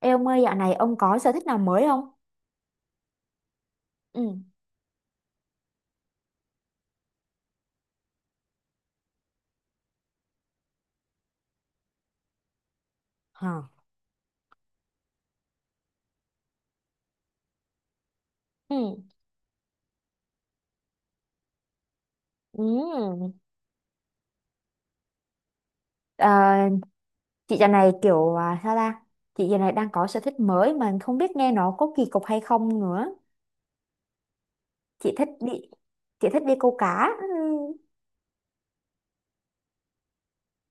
Ê ông ơi, dạo này ông có sở thích nào mới không? Ừ. Hả? Ừ. Ừ. Ờ, chị dạo này kiểu sao ta? Chị dạo này đang có sở thích mới mà không biết nghe nó có kỳ cục hay không nữa. Chị thích đi, chị thích đi câu cá. Ừ.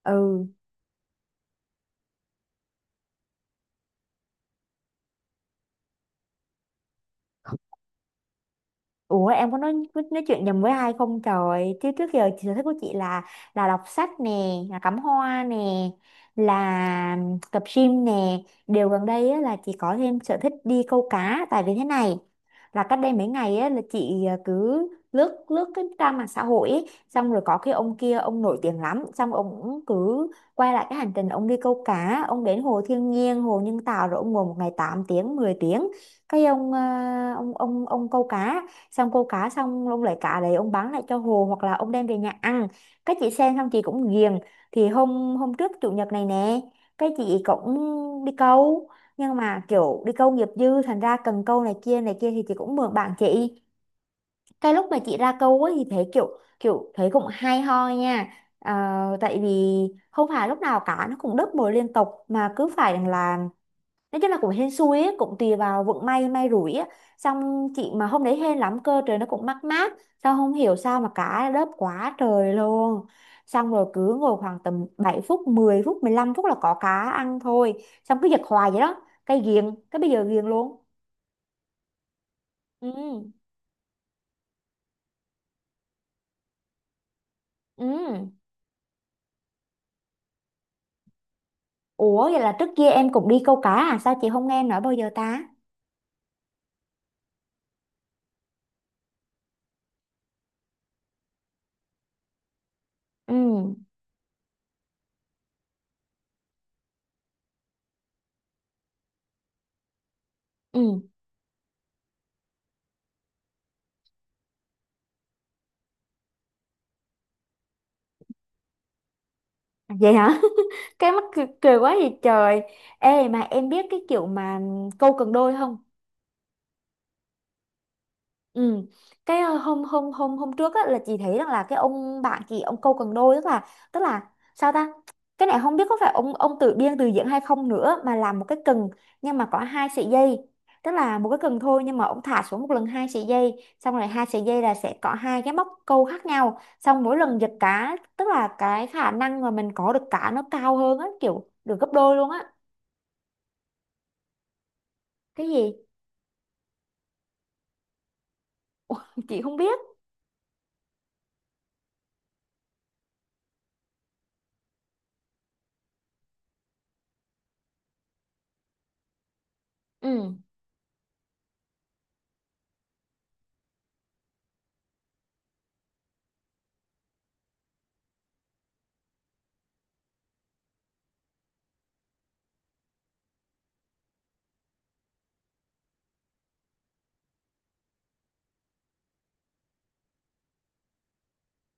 Ừ. Ủa em có nói chuyện nhầm với ai không trời? Chứ trước giờ sở thích của chị là đọc sách nè, là cắm hoa nè, là tập gym nè. Điều gần đây á, là chị có thêm sở thích đi câu cá. Tại vì thế này. Là cách đây mấy ngày á, là chị cứ lướt lướt cái trang mạng xã hội ấy, xong rồi có cái ông kia ông nổi tiếng lắm, xong rồi ông cũng cứ quay lại cái hành trình ông đi câu cá, ông đến hồ thiên nhiên, hồ nhân tạo, rồi ông ngồi một ngày 8 tiếng 10 tiếng. Cái ông à, ông ông câu cá, xong cô cá xong ông lấy cá đấy ông bán lại cho hồ hoặc là ông đem về nhà ăn. Cái chị xem xong chị cũng ghiền. Thì hôm hôm trước chủ nhật này nè, cái chị cũng đi câu, nhưng mà kiểu đi câu nghiệp dư thành ra cần câu này kia thì chị cũng mượn bạn chị. Cái lúc mà chị ra câu ấy thì thấy kiểu, thấy cũng hay ho nha. Ờ, tại vì không phải lúc nào cá nó cũng đớp mồi liên tục mà cứ phải là, nói chung là cũng hên xui ấy, cũng tùy vào vận may may rủi á. Xong chị mà hôm đấy hên lắm cơ, trời nó cũng mát mát, sao không hiểu sao mà cá đớp quá trời luôn. Xong rồi cứ ngồi khoảng tầm 7 phút 10 phút 15 phút là có cá ăn thôi, xong cứ giật hoài vậy đó, cái ghiền, cái bây giờ ghiền luôn. Ừ. Ừ. Ủa vậy là trước kia em cũng đi câu cá à? Sao chị không nghe em nói bao giờ ta? Ừ. Ừ. À, vậy hả. Cái mắc cười, cười quá vậy trời. Ê mà em biết cái kiểu mà câu cần đôi không? Ừ. Cái ờ, hôm hôm hôm hôm trước á, là chị thấy rằng là cái ông bạn chị ông câu cần đôi, tức là, sao ta, cái này không biết có phải ông tự biên tự diễn hay không nữa, mà làm một cái cần nhưng mà có hai sợi dây, tức là một cái cần thôi nhưng mà ông thả xuống một lần hai sợi dây, xong rồi hai sợi dây là sẽ có hai cái móc câu khác nhau, xong mỗi lần giật cá tức là cái khả năng mà mình có được cá nó cao hơn á, kiểu được gấp đôi luôn á. Cái gì? Ủa, chị không biết. Ừ.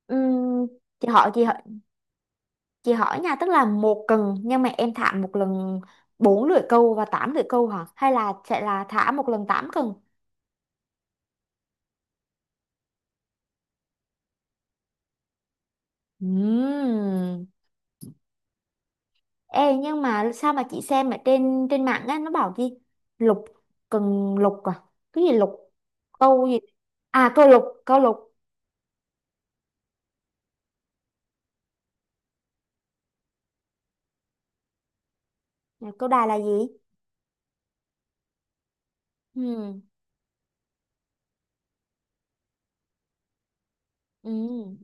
Ừ. chị hỏi chị Chị hỏi nha, tức là một cần nhưng mà em thả một lần bốn lưỡi câu và tám lưỡi câu hả? Hay là sẽ là thả một lần tám cần? Ừm. Ê nhưng mà sao mà chị xem ở trên trên mạng á nó bảo gì? Lục, cần lục à? Cái gì lục? Câu gì? À câu lục, câu lục. Câu đài là gì? Ừm. Ừm.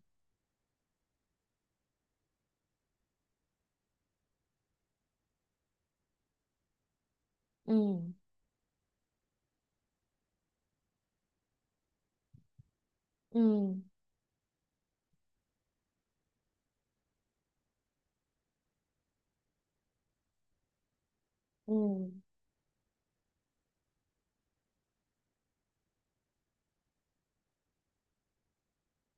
Ừm. Ừm. Ừm.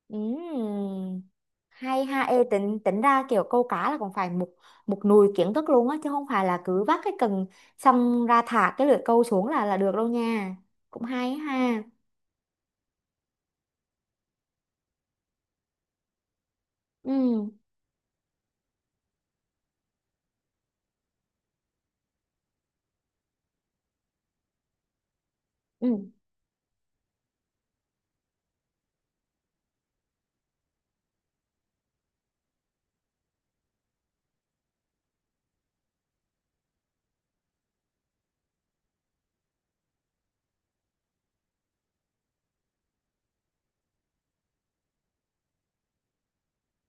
Ừm, Hay ha, ê tính tính ra kiểu câu cá là còn phải một một nùi kiến thức luôn á, chứ không phải là cứ vác cái cần xong ra thả cái lưỡi câu xuống là được đâu nha. Cũng hay ha. Ừ. Ừ.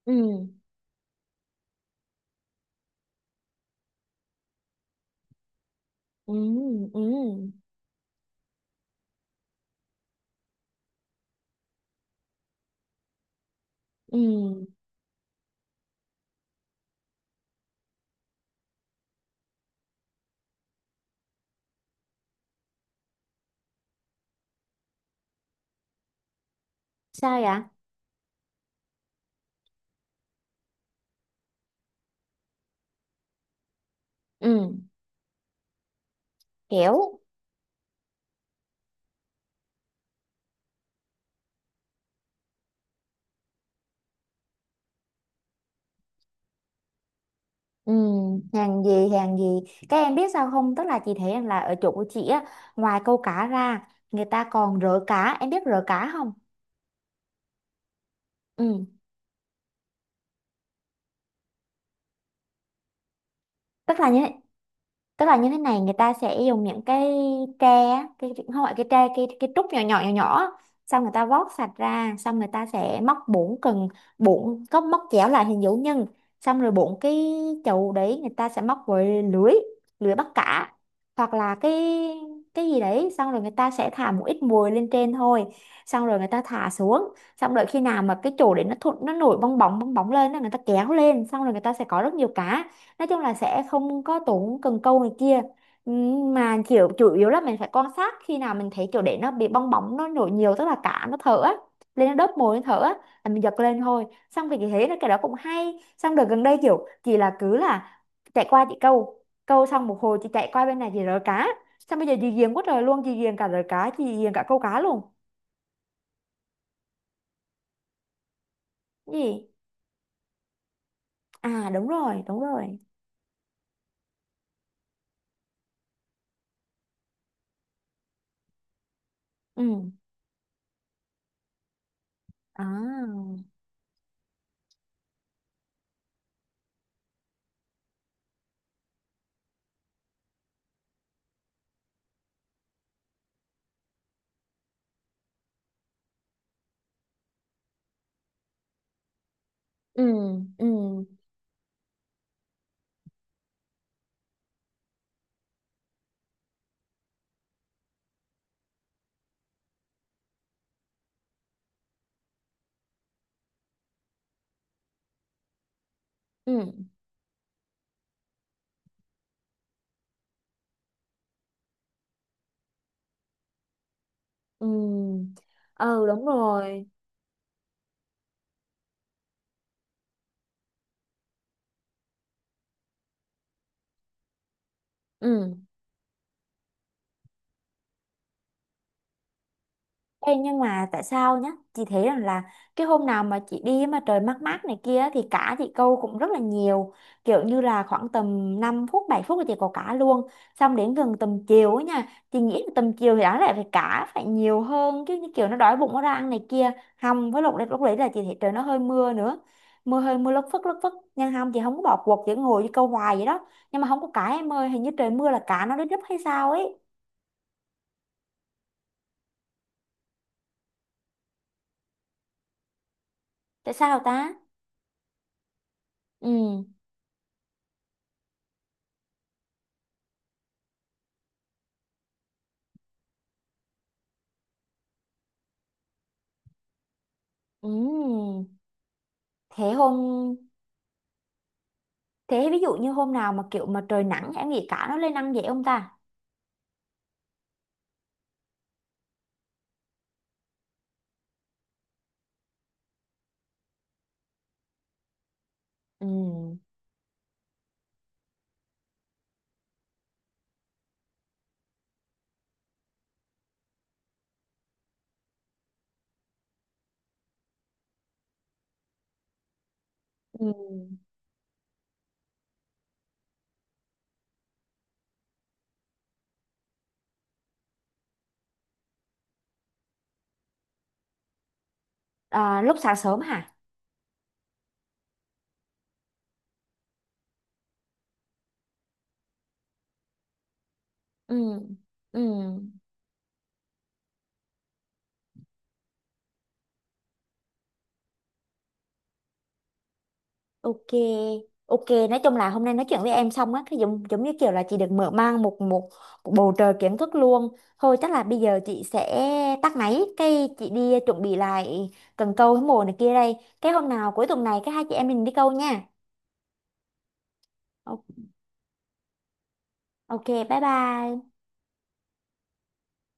Ừ. Ừ. Ừ. Ừ. Sao vậy? Ừ. Kiểu. Ừ. Hàng gì, hàng gì? Các em biết sao không, tức là chị thấy em là ở chỗ của chị á, ngoài câu cá ra người ta còn rỡ cá, em biết rỡ cá không? Ừ. tức là như Tức là như thế này, người ta sẽ dùng những cái tre á, không phải cái tre, cái trúc nhỏ nhỏ nhỏ nhỏ á, xong người ta vót sạch ra, xong người ta sẽ móc bốn cần, bốn có móc chéo lại hình dấu nhân, xong rồi bốn cái chậu đấy người ta sẽ móc với lưới, lưới bắt cá, hoặc là cái gì đấy, xong rồi người ta sẽ thả một ít mồi lên trên thôi, xong rồi người ta thả xuống, xong đợi khi nào mà cái chỗ đấy nó thụt, nó nổi bong bóng lên á, người ta kéo lên, xong rồi người ta sẽ có rất nhiều cá. Nói chung là sẽ không có tốn cần câu này kia. Mà kiểu chủ yếu là mình phải quan sát khi nào mình thấy kiểu để nó bị bong bóng nó nổi nhiều, tức là cá nó thở á, lên nó đớp mồi nó thở á, là mình giật lên thôi. Xong thì thế là cái đó cũng hay, xong đợt gần đây kiểu chị là cứ là chạy qua chị câu câu xong một hồi chị chạy qua bên này chị rớ cá, xong bây giờ chị ghiền quá trời luôn, chị ghiền cả rớ cá, chị ghiền cả câu cá luôn. Cái gì? À đúng rồi, đúng rồi. Ừ. À. Ừ. Ừ. Ừ. Ừ. Ừ đúng rồi. Ừ. Ê, nhưng mà tại sao nhá? Chị thấy rằng là cái hôm nào mà chị đi mà trời mát mát này kia thì cá chị câu cũng rất là nhiều. Kiểu như là khoảng tầm 5 phút 7 phút là chị có cá luôn. Xong đến gần tầm chiều ấy nha. Chị nghĩ là tầm chiều thì đáng lẽ phải cá phải nhiều hơn chứ, như kiểu nó đói bụng nó ra ăn này kia. Hầm với lúc đấy, là chị thấy trời nó hơi mưa nữa. Mưa, hơi mưa lất phất lất phất, nhưng hầm chị không có bỏ cuộc, chị ngồi đi câu hoài vậy đó, nhưng mà không có cá em ơi, hình như trời mưa là cá nó đến đứt hay sao ấy. Tại sao ta? Ừ. Ừ. Thế hôm Thế ví dụ như hôm nào mà kiểu mà trời nắng em nghĩ cá nó lên ăn dễ không ta? Ừ. Ừ. À, lúc sáng sớm hả? Ừ. Ừ. Ok. Ok, nói chung là hôm nay nói chuyện với em xong á, cái giống giống như kiểu là chị được mở mang một một, một bầu trời kiến thức luôn. Thôi chắc là bây giờ chị sẽ tắt máy, cái chị đi chuẩn bị lại cần câu với mồi này kia đây. Cái hôm nào cuối tuần này cái hai chị em mình đi câu nha. Ok, bye bye.